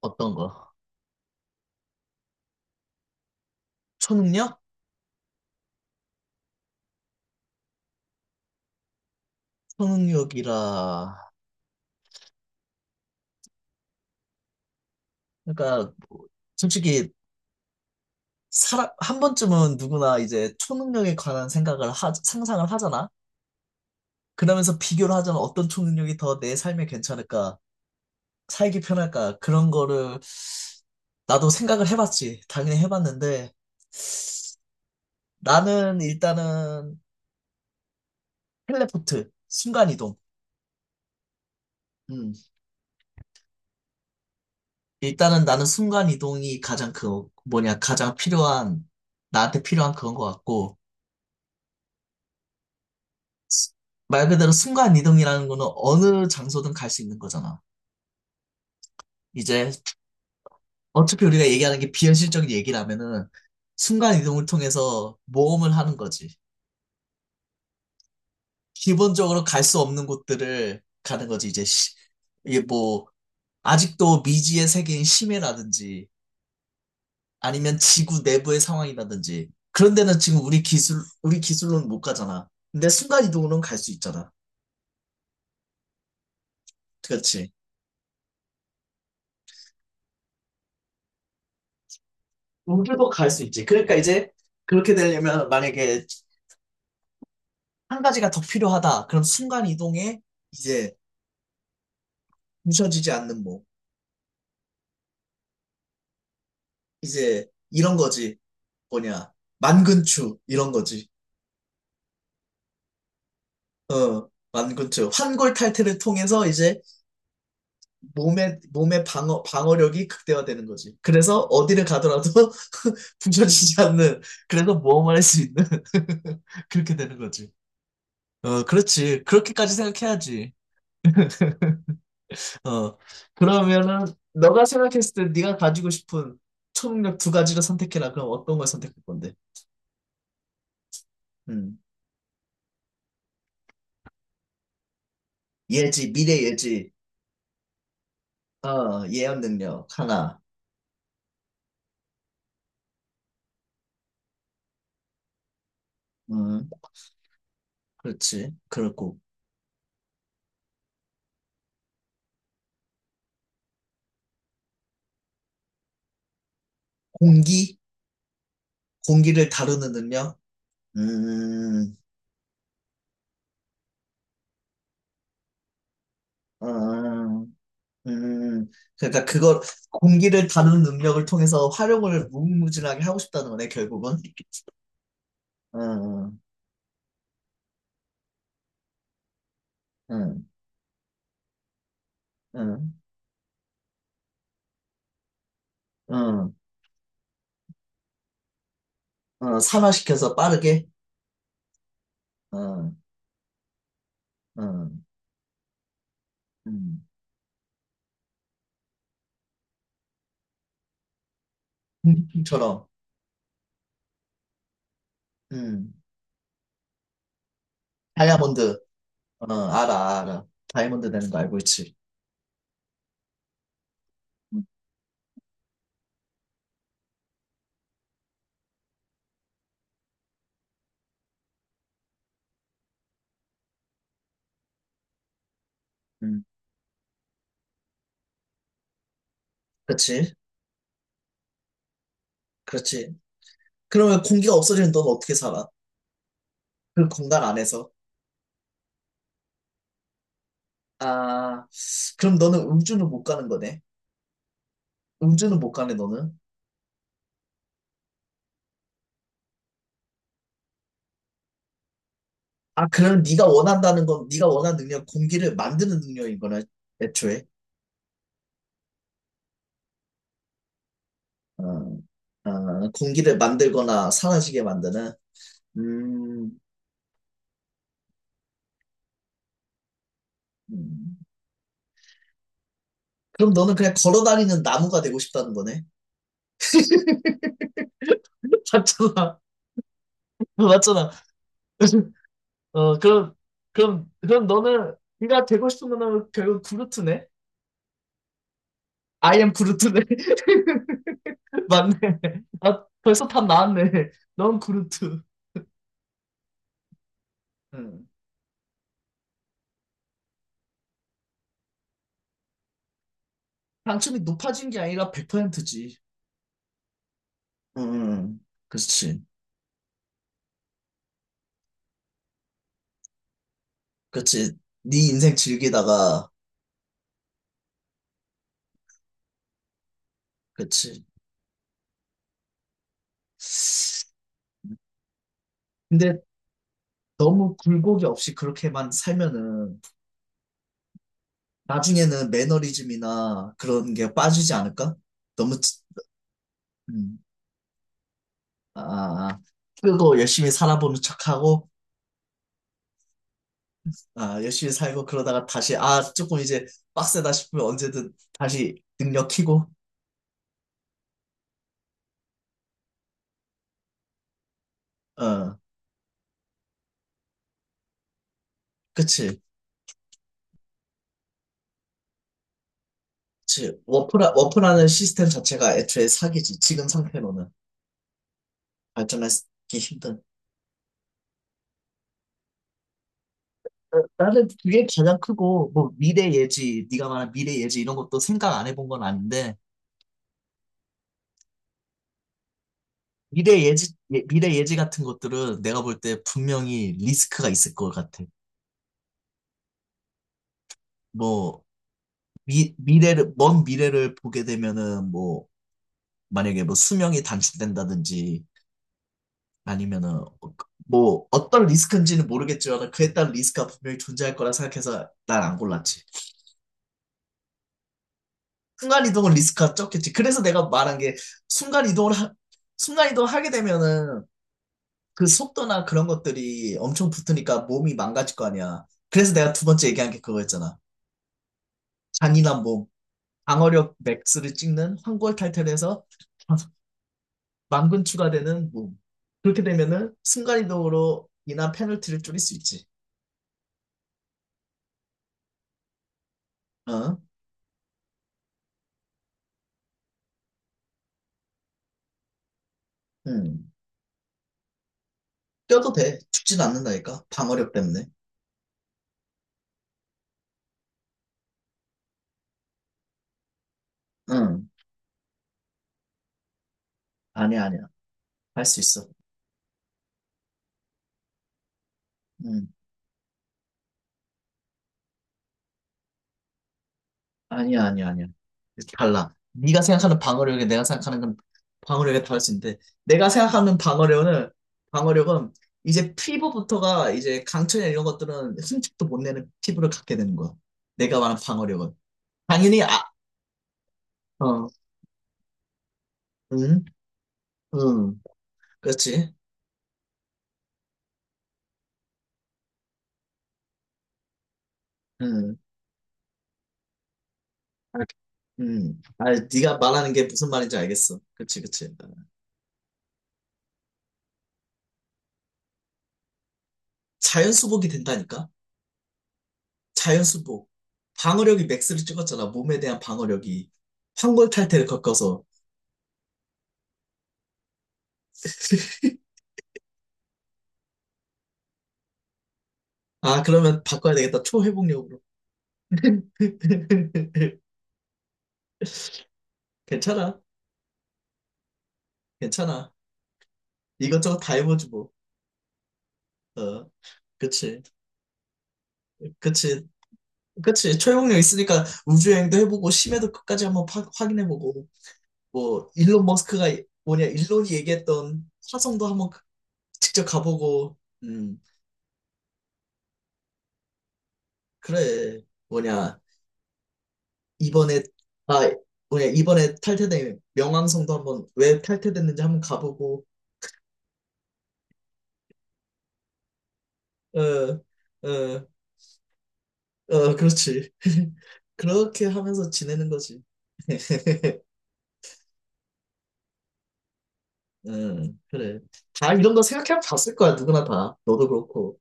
어떤 거? 초능력? 초능력이라. 그러니까 뭐 솔직히 사람 한 번쯤은 누구나 이제 초능력에 관한 생각을 상상을 하잖아. 그러면서 비교를 하잖아. 어떤 초능력이 더 내 삶에 괜찮을까? 살기 편할까? 그런 거를 나도 생각을 해봤지. 당연히 해봤는데 나는 일단은 텔레포트, 순간이동. 음. 일단은 나는 순간이동이 가장 그 뭐냐 가장 필요한 나한테 필요한 그런 것 같고 말 그대로 순간 이동이라는 거는 어느 장소든 갈 수 있는 거잖아. 이제 어차피 우리가 얘기하는 게 비현실적인 얘기라면은 순간 이동을 통해서 모험을 하는 거지. 기본적으로 갈 수 없는 곳들을 가는 거지. 이제 이게 뭐 아직도 미지의 세계인 심해라든지 아니면 지구 내부의 상황이라든지 그런 데는 지금 우리 기술로는 못 가잖아. 근데 순간 이동으로는 갈 수 있잖아. 그렇지. 우주도 갈 수 있지. 그러니까 이제 그렇게 되려면 만약에 한 가지가 더 필요하다. 그럼 순간 이동에 이제 부서지지 않는 몸. 이제 이런 거지. 뭐냐. 만근추. 이런 거지. 어, 만근추. 환골 탈태를 통해서 이제 몸의 방어력이 극대화되는 거지. 그래서 어디를 가더라도 부서지지 않는. 그래서 모험을 할 수 있는. 그렇게 되는 거지. 어, 그렇지. 그렇게까지 생각해야지. 어, 그러면은 너가 생각했을 때 네가 가지고 싶은 초능력 두 가지를 선택해라. 그럼 어떤 걸 선택할 건데? 음. 예지, 미래 예지, 어, 예언 능력 하나. 음, 그렇지. 그렇고 공기, 공기를 다루는 능력. 음, 어, 음, 그러니까 그걸 공기를 다루는 능력을 통해서 활용을 무궁무진하게 하고 싶다는 거네, 결국은. 응, 응, 응, 응, 응, 산화시켜서 빠르게. 응, 응. 음, 공기풍처럼 음, 다이아몬드, 어, 알아, 알아. 다이아몬드 되는 거 알고 있지. 음, 그렇지, 그렇지. 그러면 공기가 없어지면 넌 어떻게 살아? 그 공간 안에서. 아, 그럼 너는 음주는 못 가는 거네. 음주는 못 가네, 너는. 아, 그럼 네가 원한다는 건, 네가 원하는 능력, 공기를 만드는 능력인 거네, 애초에. 어, 어, 공기를 만들거나 사라지게 만드는. 음, 음. 그럼 너는 그냥 걸어 다니는 나무가 되고 싶다는 거네. 맞잖아. 어, 맞잖아. 어, 그럼, 그럼, 그럼 너는, 네가 되고 싶은 거는 결국 구루트네? I am 구루트네. 맞네. 아, 벌써 답 나왔네. 넌 구루트. 응. 당첨이 높아진 게 아니라 100%지. 응. 응. 그렇지. 그렇지. 네 인생 즐기다가, 그렇지. 근데 너무 굴곡이 없이 그렇게만 살면은 나중에는 매너리즘이나 그런 게 빠지지 않을까? 너무, 음. 아, 아, 고 열심히 살아보는 척하고, 아, 열심히 살고, 그러다가 다시, 아, 조금 이제 빡세다 싶으면 언제든 다시 능력 키고, 어, 그치. 그치. 워프라, 워프라는 시스템 자체가 애초에 사기지. 지금 상태로는 발전하기 힘든. 어, 나는 그게 가장 크고, 뭐, 미래 예지, 네가 말한 미래 예지 이런 것도 생각 안 해본 건 아닌데, 미래 예지, 미래 예지 같은 것들은 내가 볼 때 분명히 리스크가 있을 것 같아. 뭐, 먼 미래를 보게 되면은 뭐, 만약에 뭐 수명이 단축된다든지 아니면은 어, 뭐 어떤 리스크인지는 모르겠지만 그에 따른 리스크가 분명히 존재할 거라 생각해서 난 안 골랐지. 순간이동은 리스크가 적겠지. 그래서 내가 말한 게 순간이동을, 하- 순간이동 하게 되면은 그 속도나 그런 것들이 엄청 붙으니까 몸이 망가질 거 아니야. 그래서 내가 두 번째 얘기한 게 그거였잖아. 잔인한 몸, 방어력 맥스를 찍는 황골탈퇴를 해서 만근 추가되는 몸. 그렇게 되면은 순간이동으로 인한 페널티를 줄일 수 있지. 어? 응. 뛰어도 돼. 죽진 않는다니까. 방어력 때문에. 응. 아니야, 아니야. 할 수 있어. 응. 아니야, 아니야, 아니야. 달라. 네가 생각하는 방어력에 내가 생각하는 건 방어력에 다를 수 있는데 내가 생각하는 방어력은 이제 피부부터가 이제 강철이나 이런 것들은 흠집도 못 내는 피부를 갖게 되는 거야. 내가 말한 방어력은 당연히 아, 어, 응, 응, 그렇지. 응, 아, 응. 아, 네가 말하는 게 무슨 말인지 알겠어. 그치, 그치. 자연 수복이 된다니까? 자연 수복. 방어력이 맥스를 찍었잖아. 몸에 대한 방어력이. 황골 탈퇴를 겪어서. 아, 그러면 바꿔야 되겠다. 초회복력으로. 괜찮아. 괜찮아. 이것저것 다 해보지 뭐. 어, 그치. 그치. 그치. 초회복력 있으니까 우주여행도 해보고, 심해도 끝까지 한번 확인해보고. 뭐 일론 머스크가 뭐냐 일론이 얘기했던 화성도 한번 직접 가보고 음 그래 뭐냐 이번에 아 뭐냐 이번에 탈퇴된 명왕성도 한번 왜 탈퇴됐는지 한번 가보고 어어어 그렇지 그렇게 하면서 지내는 거지 그래 다 이런 거 생각해 봤을 거야 누구나 다 너도 그렇고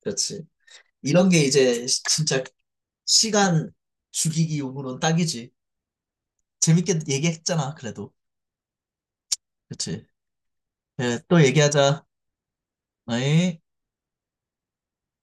그렇지 이런 게 이제 진짜 시간 죽이기 용으로는 딱이지 재밌게 얘기했잖아, 그래도. 그치? 그래, 또 얘기하자. 어이?